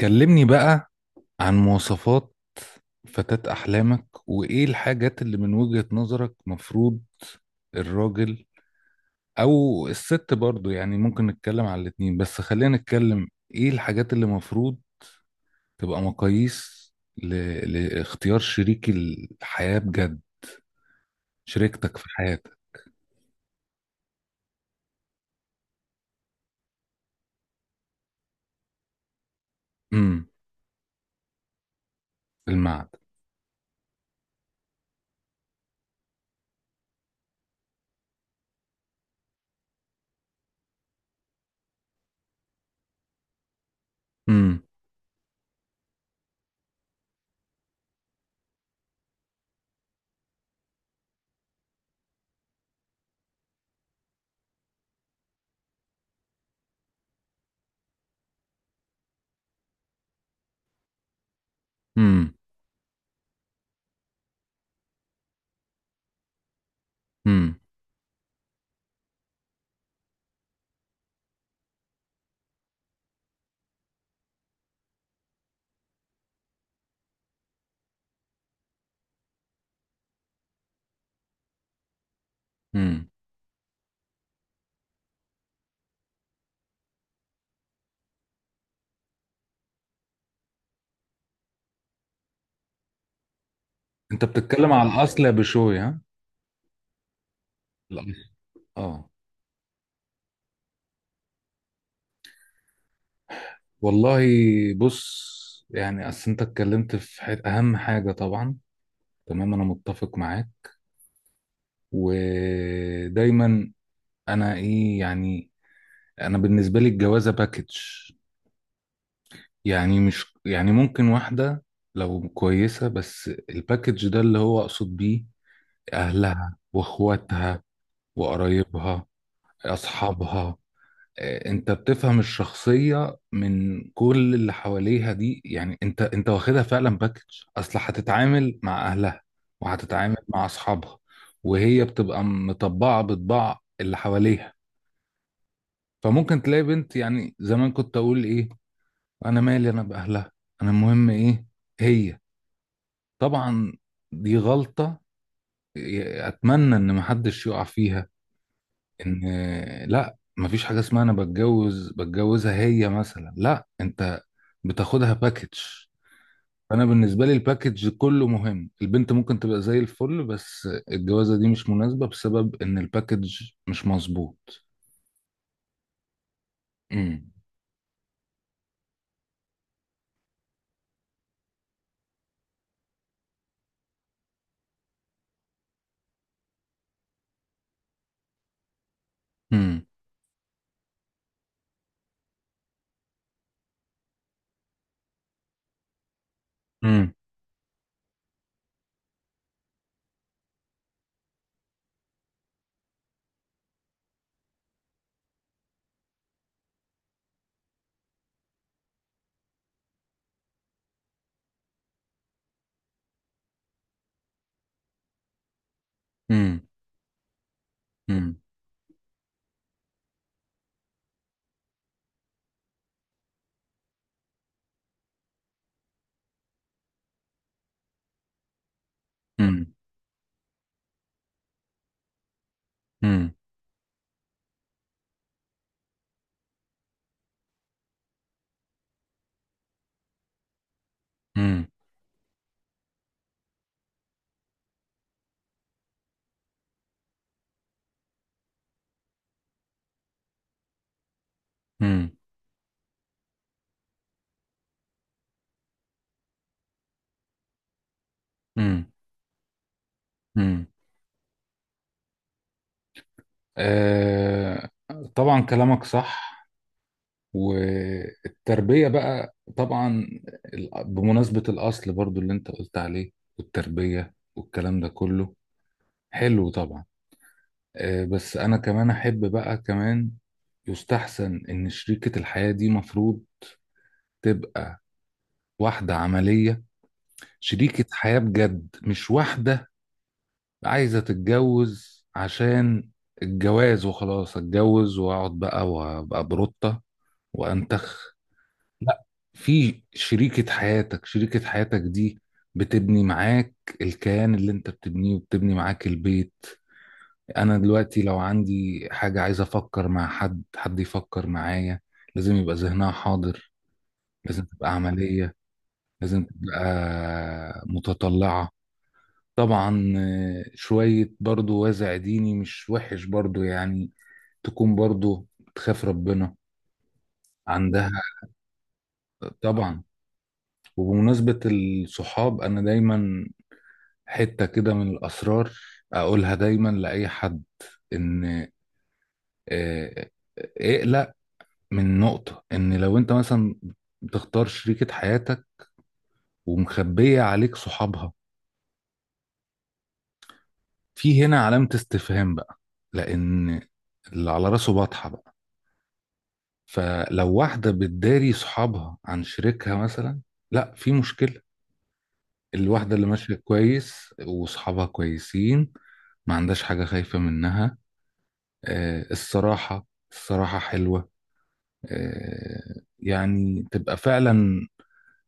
كلمني بقى عن مواصفات فتاة أحلامك وإيه الحاجات اللي من وجهة نظرك مفروض الراجل أو الست برضو، يعني ممكن نتكلم على الاتنين بس خلينا نتكلم إيه الحاجات اللي مفروض تبقى مقاييس ل... لاختيار شريك الحياة بجد، شريكتك في حياتك. امم المعد امم. امم. امم. امم. أنت بتتكلم على الأصل يا بشوي ها؟ الأصل. آه. والله، بص. يعني اصل انت اتكلمت في اهم حاجه طبعا، تمام انا متفق معاك، ودايما. انا ايه يعني، انا بالنسبه لي الجوازه باكج، يعني مش يعني ممكن واحده لو كويسه، بس الباكج ده اللي هو اقصد بيه اهلها واخواتها وقرايبها، اصحابها. آه، انت بتفهم الشخصية من كل اللي حواليها دي، يعني انت واخدها فعلا باكج. اصل هتتعامل مع اهلها، وهتتعامل مع اصحابها، وهي بتبقى مطبعة بطباع اللي حواليها. فممكن تلاقي بنت، يعني زمان كنت اقول ايه: انا مالي انا باهلها، انا المهم ايه، هي، طبعا. دي غلطة، اتمنى ان محدش يقع فيها. ان لا، مفيش حاجه اسمها انا بتجوز بتجوزها هي مثلا، لا انت بتاخدها باكج. انا بالنسبه لي الباكج كله مهم، البنت ممكن تبقى زي الفل بس الجوازه دي مش مناسبه بسبب ان الباكج مش مظبوط. امم. امم. امم. امم. امم. امم. امم. امم. امم. امم. آه، طبعا كلامك صح، والتربية بقى طبعا. بمناسبة الأصل برضو اللي أنت قلت عليه، والتربية والكلام ده كله حلو طبعا. آه، بس أنا كمان أحب بقى كمان يستحسن إن شريكة الحياة دي مفروض تبقى واحدة عملية، شريكة حياة بجد مش واحدة عايزة تتجوز عشان الجواز وخلاص، أتجوز وأقعد بقى وأبقى بروتة وأنتخ، لا. في شريكة حياتك، شريكة حياتك دي بتبني معاك الكيان اللي انت بتبنيه وبتبني معاك البيت. انا دلوقتي لو عندي حاجة عايز افكر مع حد، حد يفكر معايا، لازم يبقى ذهنها حاضر، لازم تبقى عملية، لازم تبقى متطلعة. طبعا آه، شوية برضو وازع ديني مش وحش برضو، يعني تكون برضو بتخاف ربنا عندها. طبعا. وبمناسبة الصحاب، أنا دايما حتة كده من الأسرار أقولها دايما لأي حد، إن آه، اقلق من نقطة إن لو أنت مثلا بتختار شريكة حياتك ومخبية عليك صحابها، في هنا علامة استفهام بقى، لأن اللي على راسه بطحة بقى. فلو واحدة بتداري صحابها عن شريكها مثلا، لا في مشكلة. الواحدة اللي ماشية كويس وصحابها كويسين ما عندهاش حاجة خايفة منها. آه، الصراحة، الصراحة حلوة. آه، يعني تبقى فعلا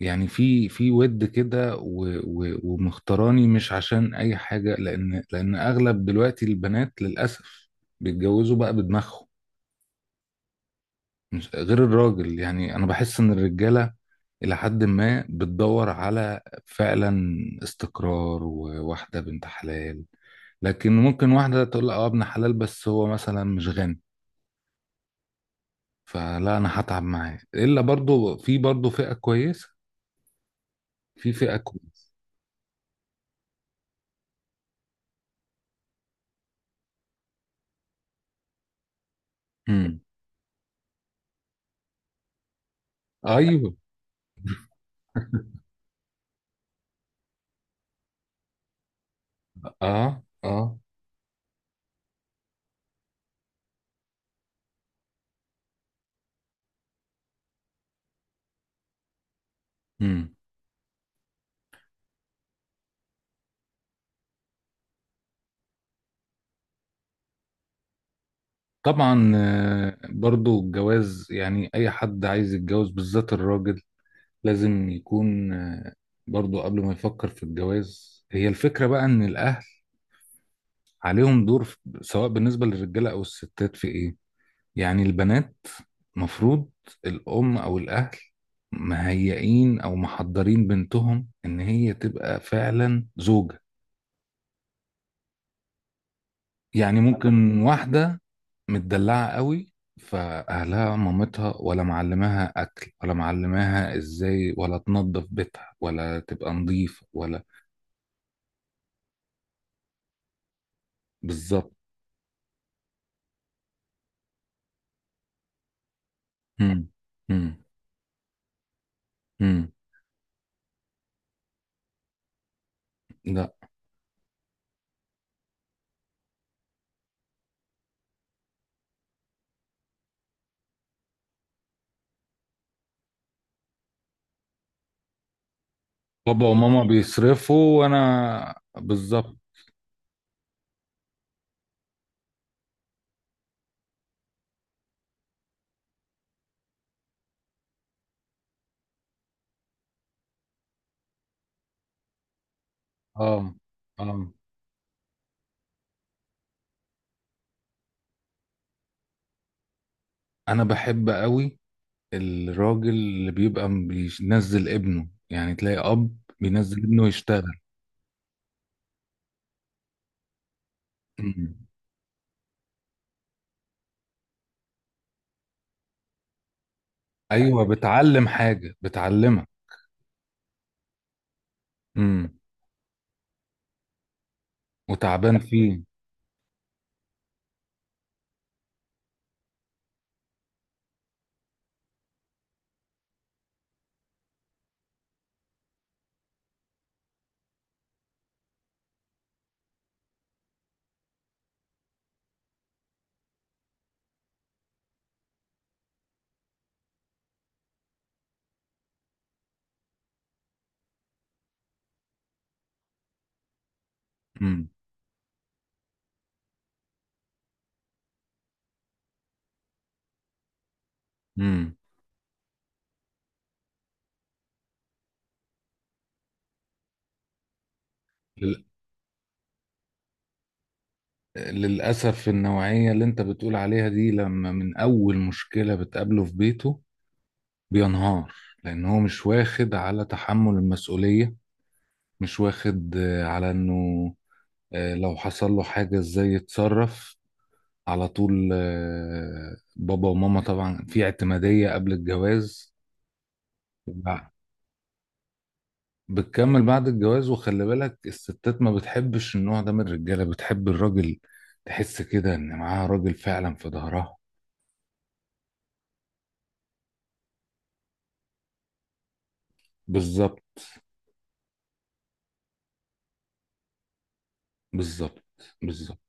يعني في ود كده ومختاراني مش عشان اي حاجه، لان اغلب دلوقتي البنات للاسف بيتجوزوا بقى بدماغهم، مش غير الراجل. يعني انا بحس ان الرجاله الى حد ما بتدور على فعلا استقرار وواحده بنت حلال، لكن ممكن واحده تقول اه ابن حلال بس هو مثلا مش غني، فلا انا هتعب معاه. الا برضو في برضو فئه كويسه، في فئة كويسة. امم. ايوه. اه، اه. امم. طبعا آه، برضو الجواز يعني اي حد عايز يتجوز بالذات الراجل لازم يكون آه، برضو قبل ما يفكر في الجواز هي الفكرة بقى ان الاهل عليهم دور سواء بالنسبة للرجالة او الستات في ايه، يعني البنات مفروض الام او الاهل مهيئين او محضرين بنتهم ان هي تبقى فعلا زوجة. يعني ممكن واحدة متدلعة قوي، فأهلها مامتها ولا معلماها أكل ولا معلماها إزاي ولا تنظف بيتها ولا تبقى نظيفة ولا، بالظبط. مم. مم. مم. لا بابا وماما بيصرفوا وأنا بالظبط. آه، آه. أنا بحب قوي الراجل اللي بيبقى بينزل ابنه، يعني تلاقي أب بينزل ابنه يشتغل. مم. أيوه بتعلم حاجة بتعلمها، وتعبان فيه. امم. امم. لل... للأسف النوعية اللي انت بتقول عليها دي لما من أول مشكلة بتقابله في بيته بينهار، لأن هو مش واخد على تحمل المسؤولية، مش واخد آه، على انه آه، لو حصل له حاجة ازاي يتصرف، على طول آه، بابا وماما، طبعا في اعتمادية قبل الجواز. بتكمل بعد الجواز، وخلي بالك الستات ما بتحبش النوع ده من الرجاله، بتحب الراجل تحس كده ان معاها راجل فعلا في ظهرها. بالظبط. بالظبط. بالظبط.